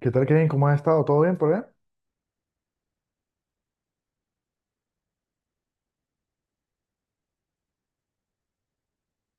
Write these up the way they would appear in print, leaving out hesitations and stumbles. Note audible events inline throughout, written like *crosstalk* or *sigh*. ¿Qué tal, Kevin? ¿Cómo has estado? ¿Todo bien por allá?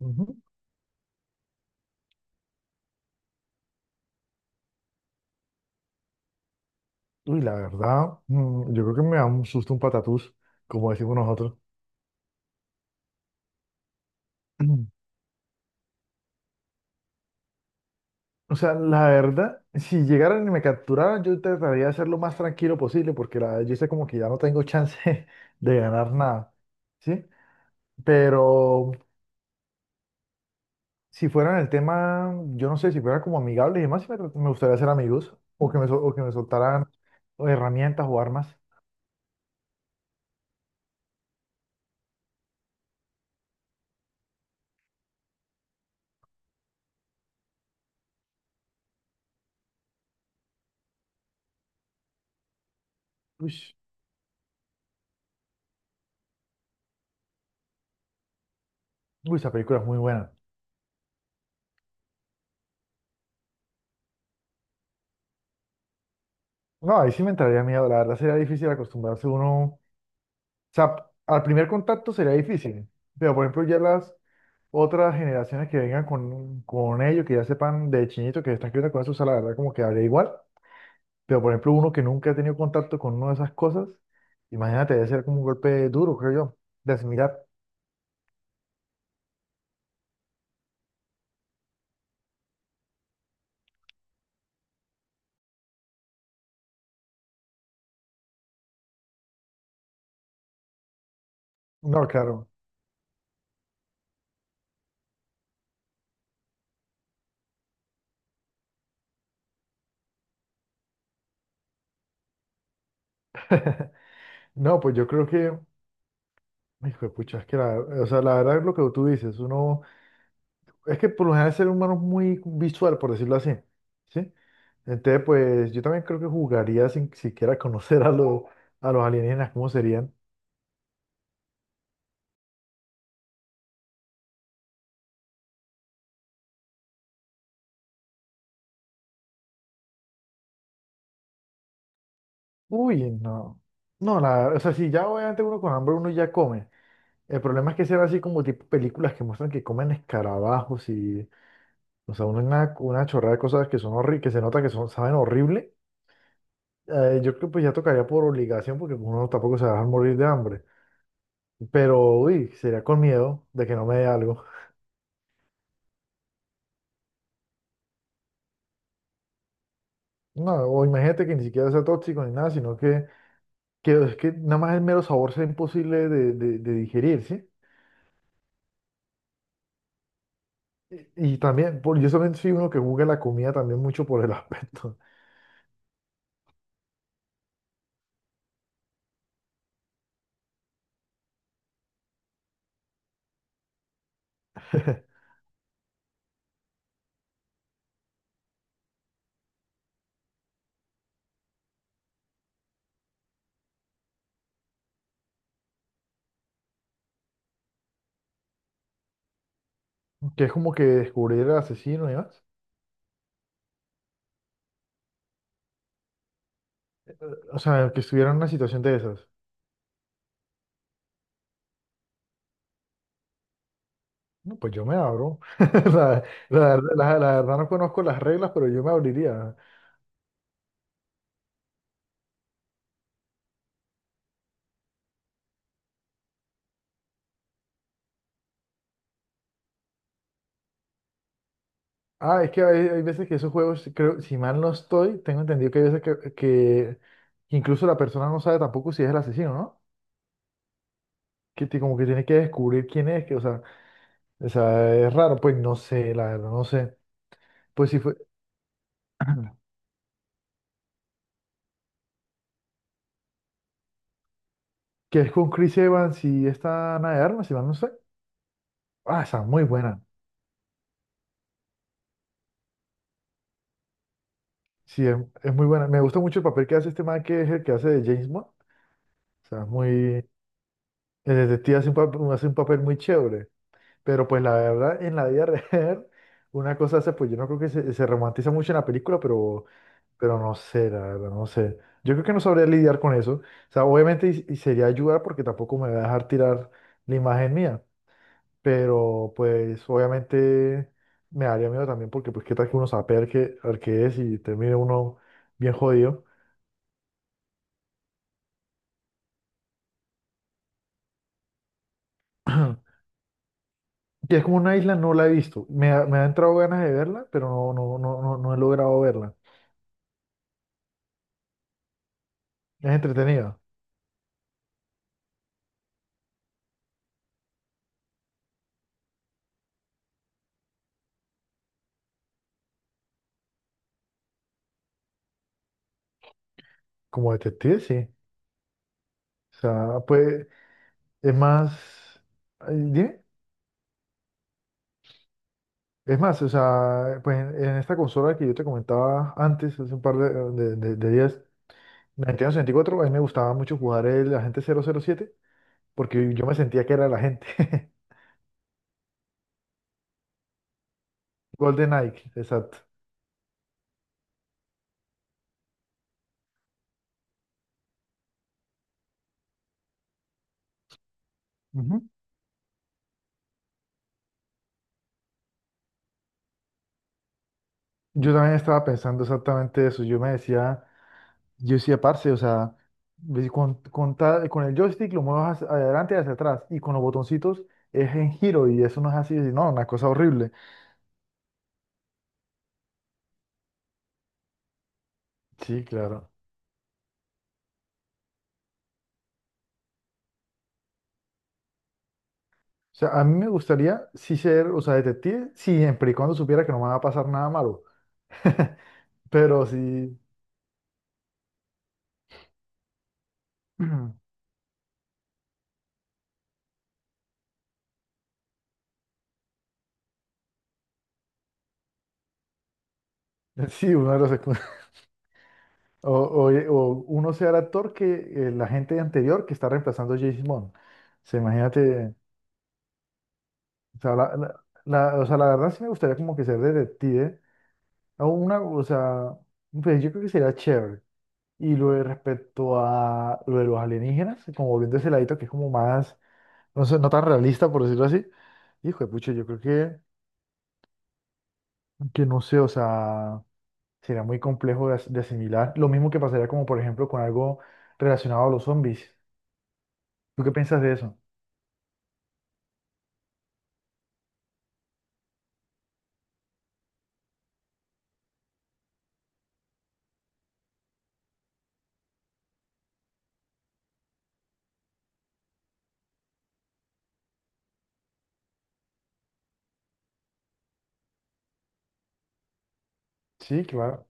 Ujú. Uy, la verdad, yo creo que me da un susto un patatús, como decimos nosotros. Mm. O sea, la verdad, si llegaran y me capturaran, yo trataría de ser lo más tranquilo posible, porque yo sé como que ya no tengo chance *laughs* de ganar nada, ¿sí? Pero si fueran el tema, yo no sé, si fueran como amigables y demás, sí me gustaría ser amigos, o que me soltaran herramientas o armas. Uy, uy, esa película es muy buena. No, ahí sí me entraría miedo, la verdad sería difícil acostumbrarse uno, o sea, al primer contacto sería difícil, pero por ejemplo ya las otras generaciones que vengan con ellos, que ya sepan de chinito que están creciendo con eso, o sea, la verdad como que habría igual, pero por ejemplo uno que nunca ha tenido contacto con una de esas cosas, imagínate, debe ser como un golpe duro, creo yo, de asimilar. No, claro. *laughs* No, pues yo creo que, hijo de pucha, es que o sea, la verdad es lo que tú dices, uno... Es que por lo general el ser humano es muy visual, por decirlo así, ¿sí? Entonces, pues yo también creo que jugaría sin siquiera conocer a a los alienígenas. ¿Cómo serían? Uy, no. No, o sea, si ya obviamente uno con hambre uno ya come. El problema es que sean así como tipo películas que muestran que comen escarabajos y, o sea, una chorrada de cosas que son horribles, que se nota que son, saben horrible. Yo creo que pues ya tocaría por obligación porque uno tampoco se va a dejar morir de hambre. Pero, uy, sería con miedo de que no me dé algo. No, o imagínate que ni siquiera sea tóxico ni nada, sino que es que nada más el mero sabor sea imposible de, de digerir, ¿sí? Y también, por, yo también soy uno que juzga la comida también mucho por el aspecto. *laughs* Que es como que descubrir el asesino y más. O sea, que estuviera en una situación de esas. No, pues yo me abro. *laughs* La, la verdad no conozco las reglas, pero yo me abriría. Ah, es que hay veces que esos juegos, creo, si mal no estoy, tengo entendido que hay veces que incluso la persona no sabe tampoco si es el asesino, ¿no? Que te- como que tienes que descubrir quién es, que, o sea, es raro, pues no sé, la verdad, no sé. Pues sí fue, *clears throat* que es con Chris Evans y esta Ana de Armas, si mal no sé. Ah, está muy buena. Sí, es, es muy buena. Me gusta mucho el papel que hace este man, que es el que hace de James Bond. O sea, es muy, el detective hace un papel muy chévere. Pero pues la verdad, en la vida real, *laughs* una cosa hace, pues yo no creo que se romantiza mucho en la película, pero no sé, la verdad, no sé. Yo creo que no sabría lidiar con eso. O sea, obviamente sería ayudar porque tampoco me va a dejar tirar la imagen mía. Pero pues obviamente me daría miedo también porque pues qué tal que uno sabe al qué es y termine uno bien jodido. *clears throat* Y es como una isla, no la he visto. Me ha entrado ganas de verla, pero no, no he logrado verla. Es entretenida. Como detective, sí. O sea, pues es más... ¿Dime? Es más, o sea, pues en esta consola que yo te comentaba antes, hace un par de, de días, la Nintendo 64, a mí me gustaba mucho jugar el Agente 007 porque yo me sentía que era el agente. *laughs* Golden Ike, exacto. Ujú. Yo también estaba pensando exactamente eso. Yo me decía, yo decía, parce, o sea, ve con el joystick lo mueves hacia adelante y hacia atrás y con los botoncitos es en giro y eso no es así. Y no, una cosa horrible. Sí, claro. O sea, a mí me gustaría sí ser, o sea, detective, siempre y cuando supiera que no me va a pasar nada malo. *laughs* Pero sí, *clears throat* sí, uno de los secu- *laughs* o uno sea el actor que la gente anterior que está reemplazando a James Bond. O sea, imagínate, o sea, o sea, la verdad sí me gustaría como que ser detective. O una, o sea, pues yo creo que sería chévere. Y lo de respecto a lo de los alienígenas, como volviendo a ese ladito que es como más, no sé, no tan realista, por decirlo así. Hijo de pucha, yo creo que no sé, o sea, sería muy complejo de, de asimilar. Lo mismo que pasaría como, por ejemplo, con algo relacionado a los zombies. ¿Tú qué piensas de eso? Sí, claro.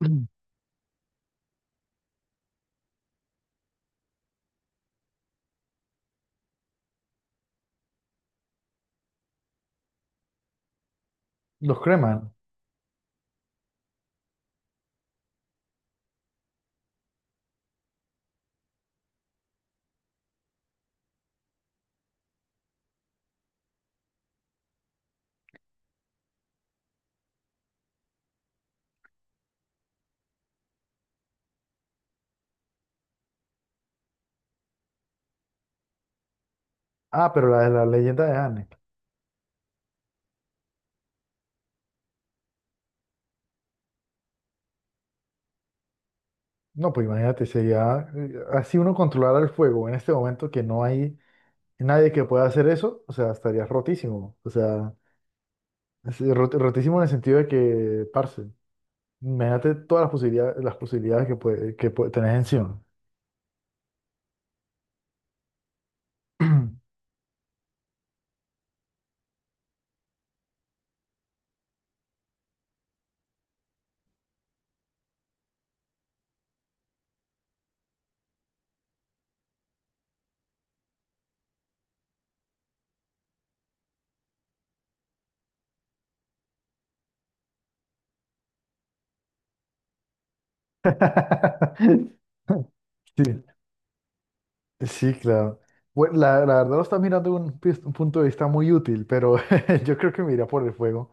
*clears throat* Los creman. Ah, pero la de la leyenda de Anne. No, pues imagínate, sería así uno controlar el fuego en este momento que no hay nadie que pueda hacer eso, o sea, estaría rotísimo. O sea, es rotísimo en el sentido de que, parce, imagínate todas las posibilidades que puede, tenés encima. *clears throat* *laughs* Sí, sí, claro. Bueno, la verdad lo estás mirando de un, un punto de vista muy útil, pero *laughs* yo creo que me iría por el fuego.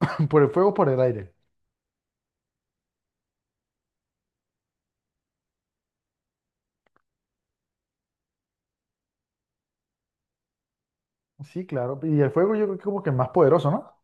*laughs* Por el fuego, por el aire. Sí, claro. Y el fuego yo creo que como que es más poderoso, ¿no?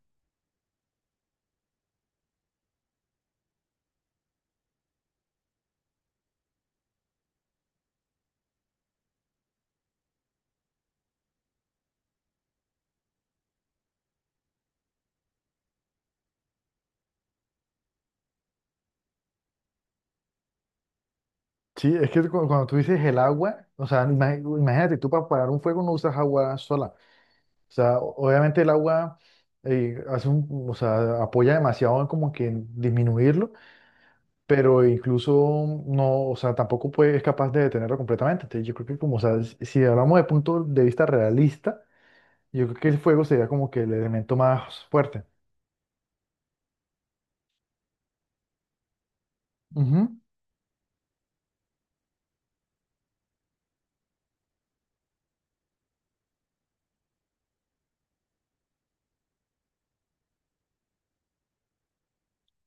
Sí, es que cuando tú dices el agua, o sea, imagínate, tú para apagar un fuego no usas agua sola. O sea, obviamente el agua hace un, o sea, apoya demasiado en como que en disminuirlo, pero incluso no, o sea, tampoco puede, es capaz de detenerlo completamente. Entonces, yo creo que como, o sea, si hablamos de punto de vista realista, yo creo que el fuego sería como que el elemento más fuerte. Ujú.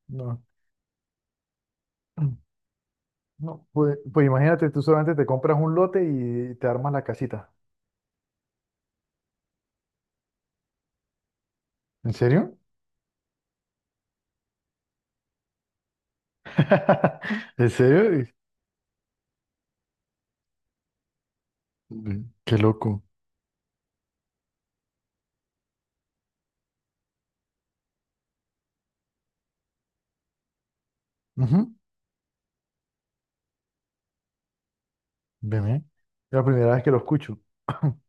No, *clears throat* no, pues imagínate, tú solamente te compras un lote y te armas la casita. ¿En serio? *laughs* ¿En serio? Ve, qué loco. Ujú. Veme. Es la primera vez que lo escucho. *clears throat*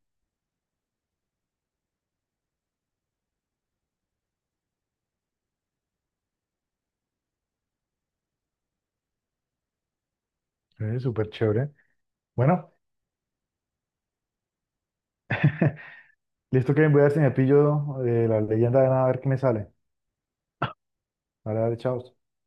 *laughs* Es súper chévere. Bueno, *laughs* listo que voy a ver si me pillo la leyenda de nada a ver qué me sale. Vale, vale, chao.